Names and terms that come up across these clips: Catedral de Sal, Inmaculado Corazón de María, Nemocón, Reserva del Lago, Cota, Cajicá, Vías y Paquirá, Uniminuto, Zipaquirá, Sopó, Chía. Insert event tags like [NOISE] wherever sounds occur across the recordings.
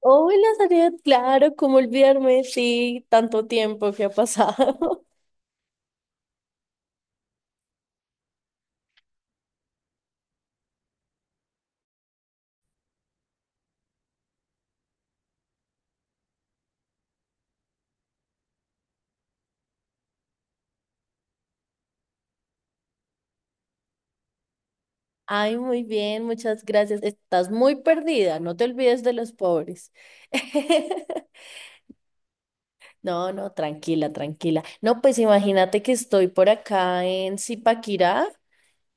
Hola, Zaret, claro, cómo olvidarme, sí, tanto tiempo que ha pasado. [LAUGHS] Ay, muy bien, muchas gracias. Estás muy perdida, no te olvides de los pobres. [LAUGHS] No, no, tranquila, tranquila. No, pues imagínate que estoy por acá en Zipaquirá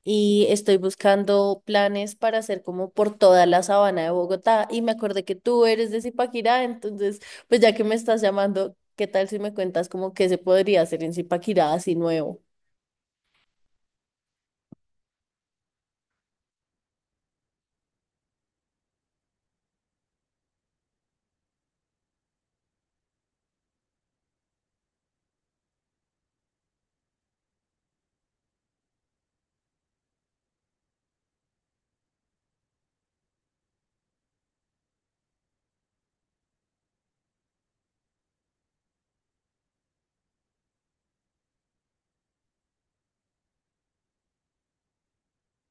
y estoy buscando planes para hacer como por toda la sabana de Bogotá y me acordé que tú eres de Zipaquirá, entonces, pues ya que me estás llamando, ¿qué tal si me cuentas como qué se podría hacer en Zipaquirá así nuevo?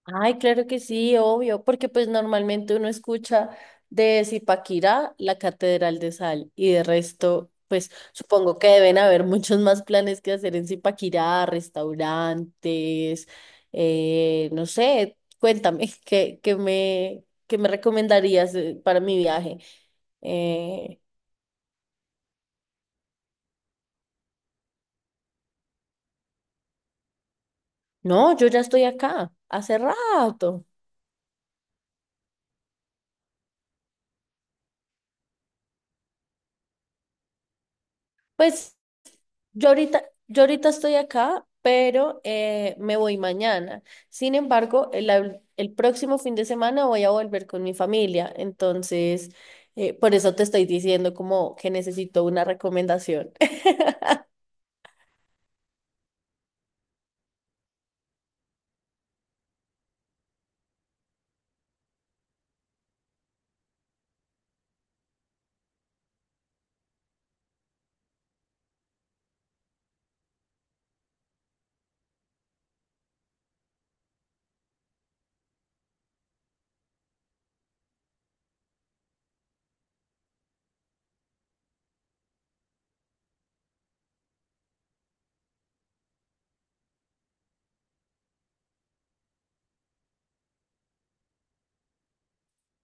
Ay, claro que sí, obvio, porque pues normalmente uno escucha de Zipaquirá la Catedral de Sal y de resto, pues supongo que deben haber muchos más planes que hacer en Zipaquirá, restaurantes, no sé, cuéntame, [LAUGHS] ¿qué me recomendarías para mi viaje? Eh, no, yo ya estoy acá, hace rato. Pues yo ahorita estoy acá, pero me voy mañana. Sin embargo, el próximo fin de semana voy a volver con mi familia. Entonces, por eso te estoy diciendo como que necesito una recomendación.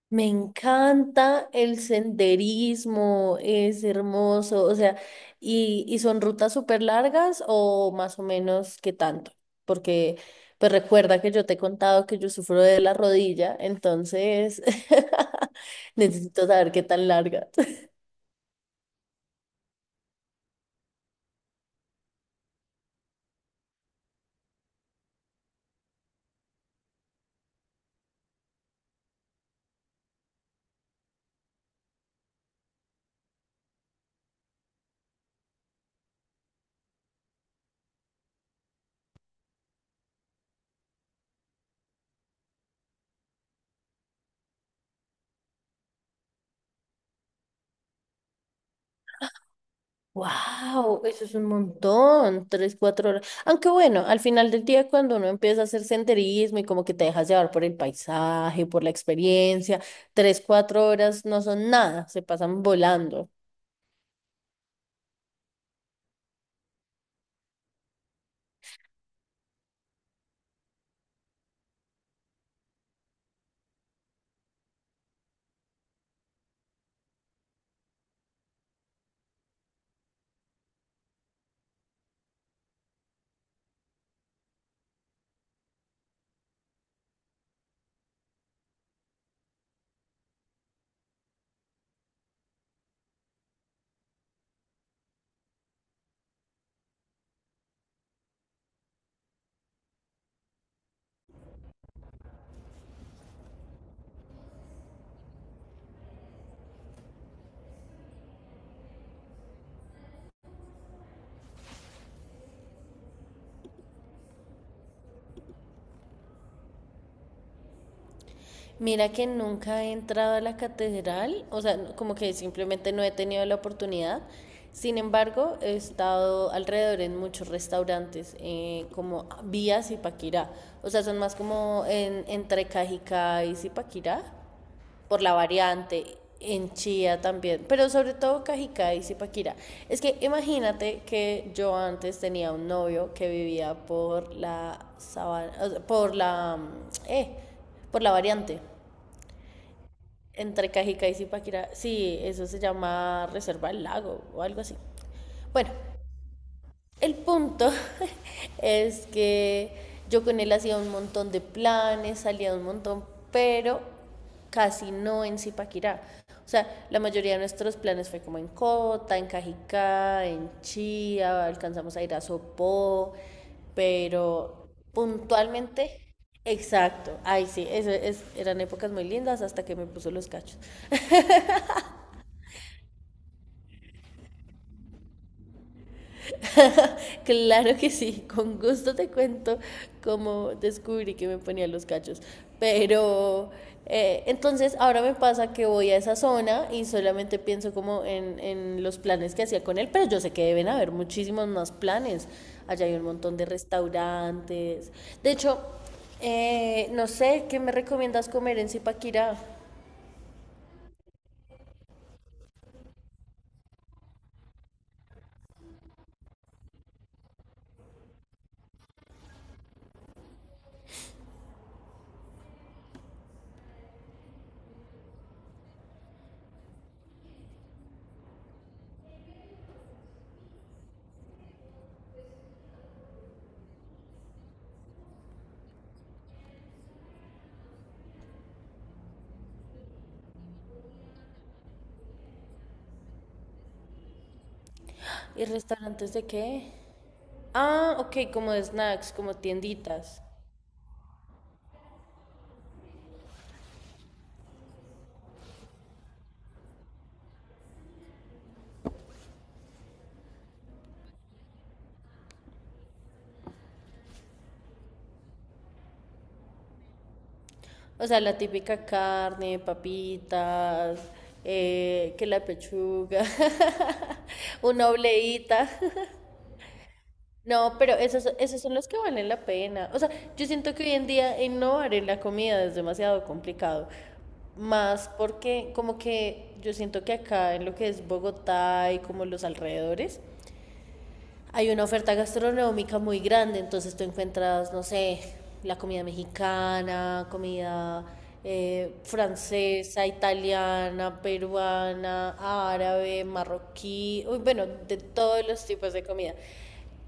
Me encanta el senderismo, es hermoso, o sea, y son rutas súper largas o más o menos qué tanto, porque pues recuerda que yo te he contado que yo sufro de la rodilla, entonces [LAUGHS] necesito saber qué tan largas. Wow, eso es un montón, tres, cuatro horas. Aunque bueno, al final del día cuando uno empieza a hacer senderismo y como que te dejas llevar por el paisaje, por la experiencia, tres, cuatro horas no son nada, se pasan volando. Mira que nunca he entrado a la catedral, o sea, como que simplemente no he tenido la oportunidad. Sin embargo, he estado alrededor en muchos restaurantes, como Vías y Paquirá. O sea, son más como entre Cajicá y Zipaquirá por la variante, en Chía también, pero sobre todo Cajicá y Zipaquirá. Es que imagínate que yo antes tenía un novio que vivía por la sabana, por la mm, eh, por la variante entre Cajicá y Zipaquirá. Sí, eso se llama Reserva del Lago o algo así. Bueno, el punto [LAUGHS] es que yo con él hacía un montón de planes, salía un montón, pero casi no en Zipaquirá. O sea, la mayoría de nuestros planes fue como en Cota, en Cajicá, en Chía, alcanzamos a ir a Sopó, pero puntualmente, exacto, ay sí, eran épocas muy lindas hasta que me puso los cachos. Claro que sí, con gusto te cuento cómo descubrí que me ponía los cachos. Pero entonces ahora me pasa que voy a esa zona y solamente pienso como en los planes que hacía con él, pero yo sé que deben haber muchísimos más planes. Allá hay un montón de restaurantes. De hecho, no sé, ¿qué me recomiendas comer en Zipaquirá? ¿Y restaurantes de qué? Ah, ok, como de snacks, como tienditas. O sea, la típica carne, papitas, que la pechuga, [LAUGHS] una obleíta. No, pero esos son los que valen la pena. O sea, yo siento que hoy en día innovar en la comida es demasiado complicado. Más porque como que yo siento que acá en lo que es Bogotá y como los alrededores, hay una oferta gastronómica muy grande, entonces tú encuentras, no sé, la comida mexicana, comida francesa, italiana, peruana, árabe, marroquí, uy, bueno, de todos los tipos de comida.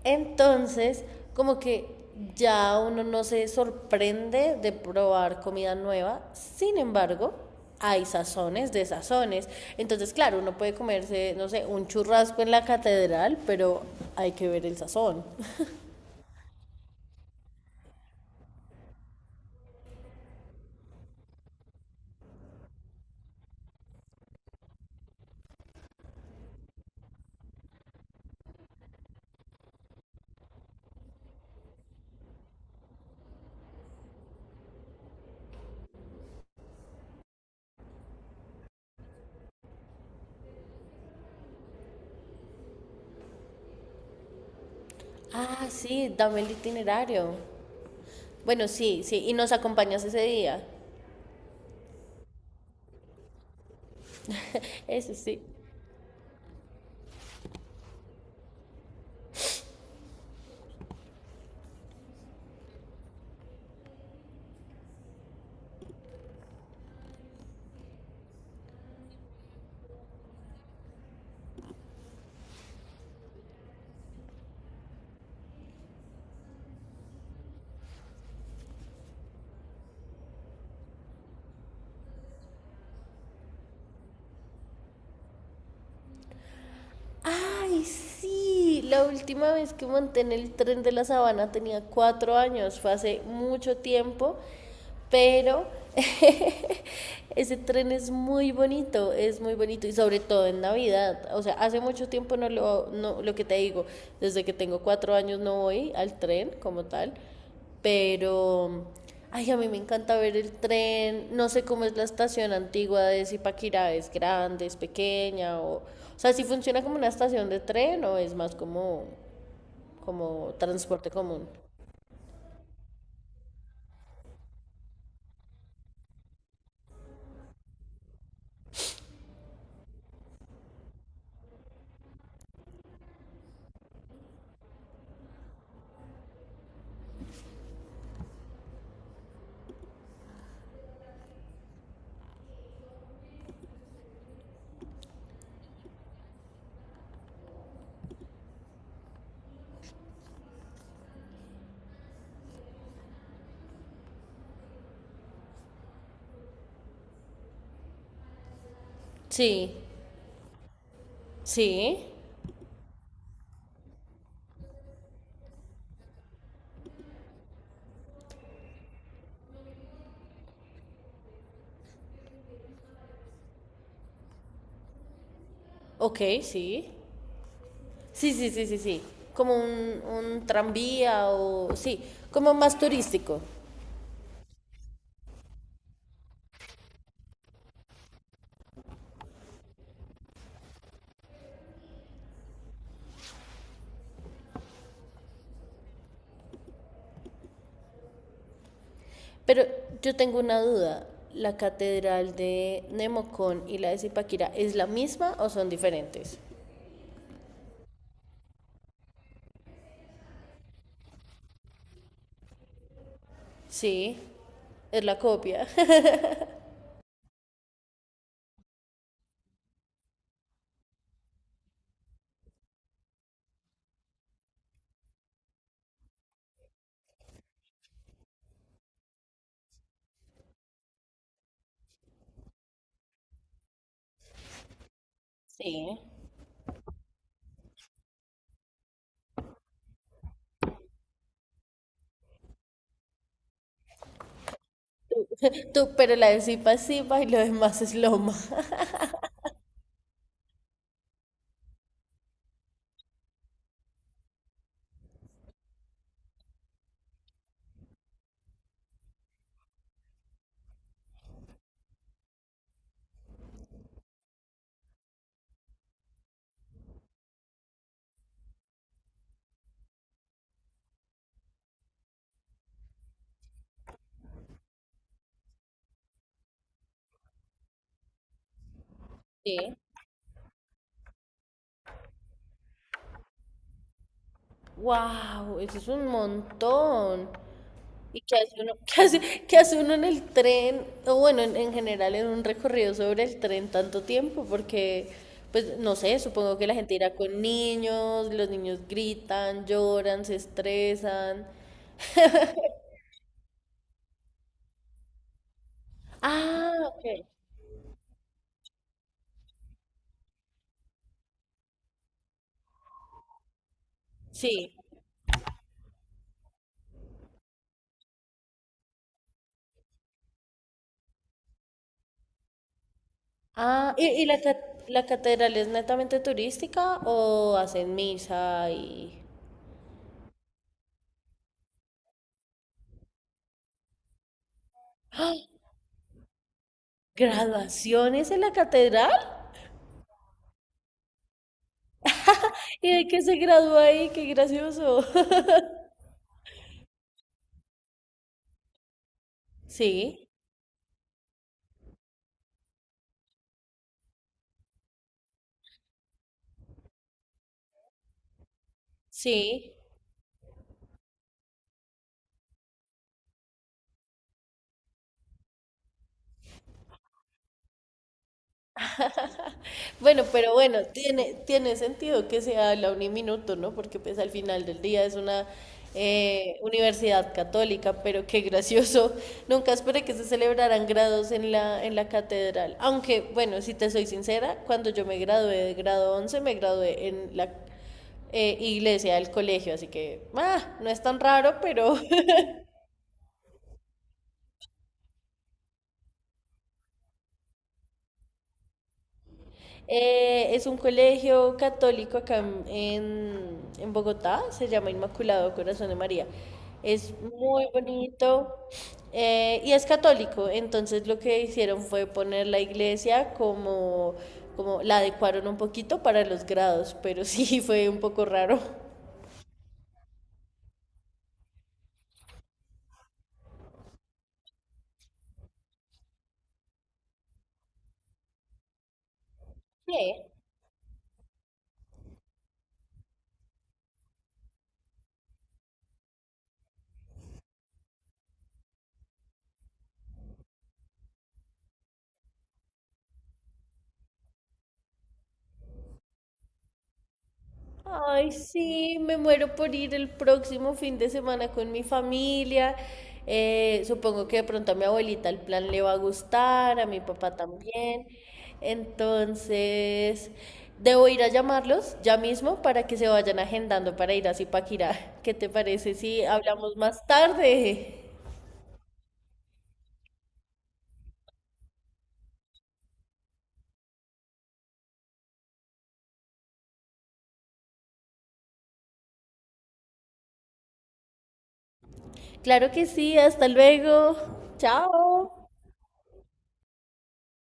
Entonces, como que ya uno no se sorprende de probar comida nueva. Sin embargo, hay sazones de sazones. Entonces, claro, uno puede comerse, no sé, un churrasco en la catedral, pero hay que ver el sazón. [LAUGHS] Ah, sí, dame el itinerario. Bueno, sí, sí, y nos acompañas ese día. Eso sí. Ay, sí, la última vez que monté en el tren de la sabana tenía 4 años, fue hace mucho tiempo, pero [LAUGHS] ese tren es muy bonito y sobre todo en Navidad, o sea, hace mucho tiempo no, lo que te digo, desde que tengo 4 años no voy al tren como tal, pero Ay, a mí me encanta ver el tren. No sé cómo es la estación antigua de Zipaquirá, es grande, es pequeña, o sea, si funciona como una estación de tren o es más como transporte común. Sí, sí, ok, sí. Sí, sí, sí, sí, sí. Como un tranvía o sí, como más turístico. Pero yo tengo una duda. ¿La catedral de Nemocón y la de Zipaquirá es la misma o son diferentes? Sí, es la copia. [LAUGHS] Sí, tú, pero la de Zipa es Zipa y lo demás es Loma. [LAUGHS] sí. ¡Wow! Eso es un montón. ¿Y qué hace uno? ¿Qué hace uno en el tren? O bueno, en general en un recorrido sobre el tren tanto tiempo, porque, pues, no sé, supongo que la gente irá con niños, los niños gritan, lloran, se estresan. Ah, ok. Sí. Ah, ¿y la catedral es netamente turística o hacen misa y... ¡Ah! ¿Graduaciones en la catedral? ¿Y de qué se graduó ahí? ¡Qué gracioso! [LAUGHS] Sí, sí. Bueno, pero bueno, tiene sentido que sea la Uniminuto, ¿no? Porque pues al final del día es una universidad católica, pero qué gracioso. [LAUGHS] Nunca esperé que se celebraran grados en la catedral. Aunque, bueno, si te soy sincera, cuando yo me gradué de grado 11, me gradué en la iglesia del colegio, así que, ah, no es tan raro, pero es un colegio católico acá en Bogotá, se llama Inmaculado Corazón de María. Es muy bonito y es católico, entonces lo que hicieron fue poner la iglesia como, como la adecuaron un poquito para los grados, pero sí [LAUGHS] fue un poco raro. ¿Qué? Ay, sí, me muero por ir el próximo fin de semana con mi familia. Supongo que de pronto a mi abuelita el plan le va a gustar, a mi papá también. Entonces, debo ir a llamarlos ya mismo para que se vayan agendando para ir a Zipaquirá. [LAUGHS] ¿Qué te parece si hablamos más tarde? Claro que sí, hasta luego. Chao.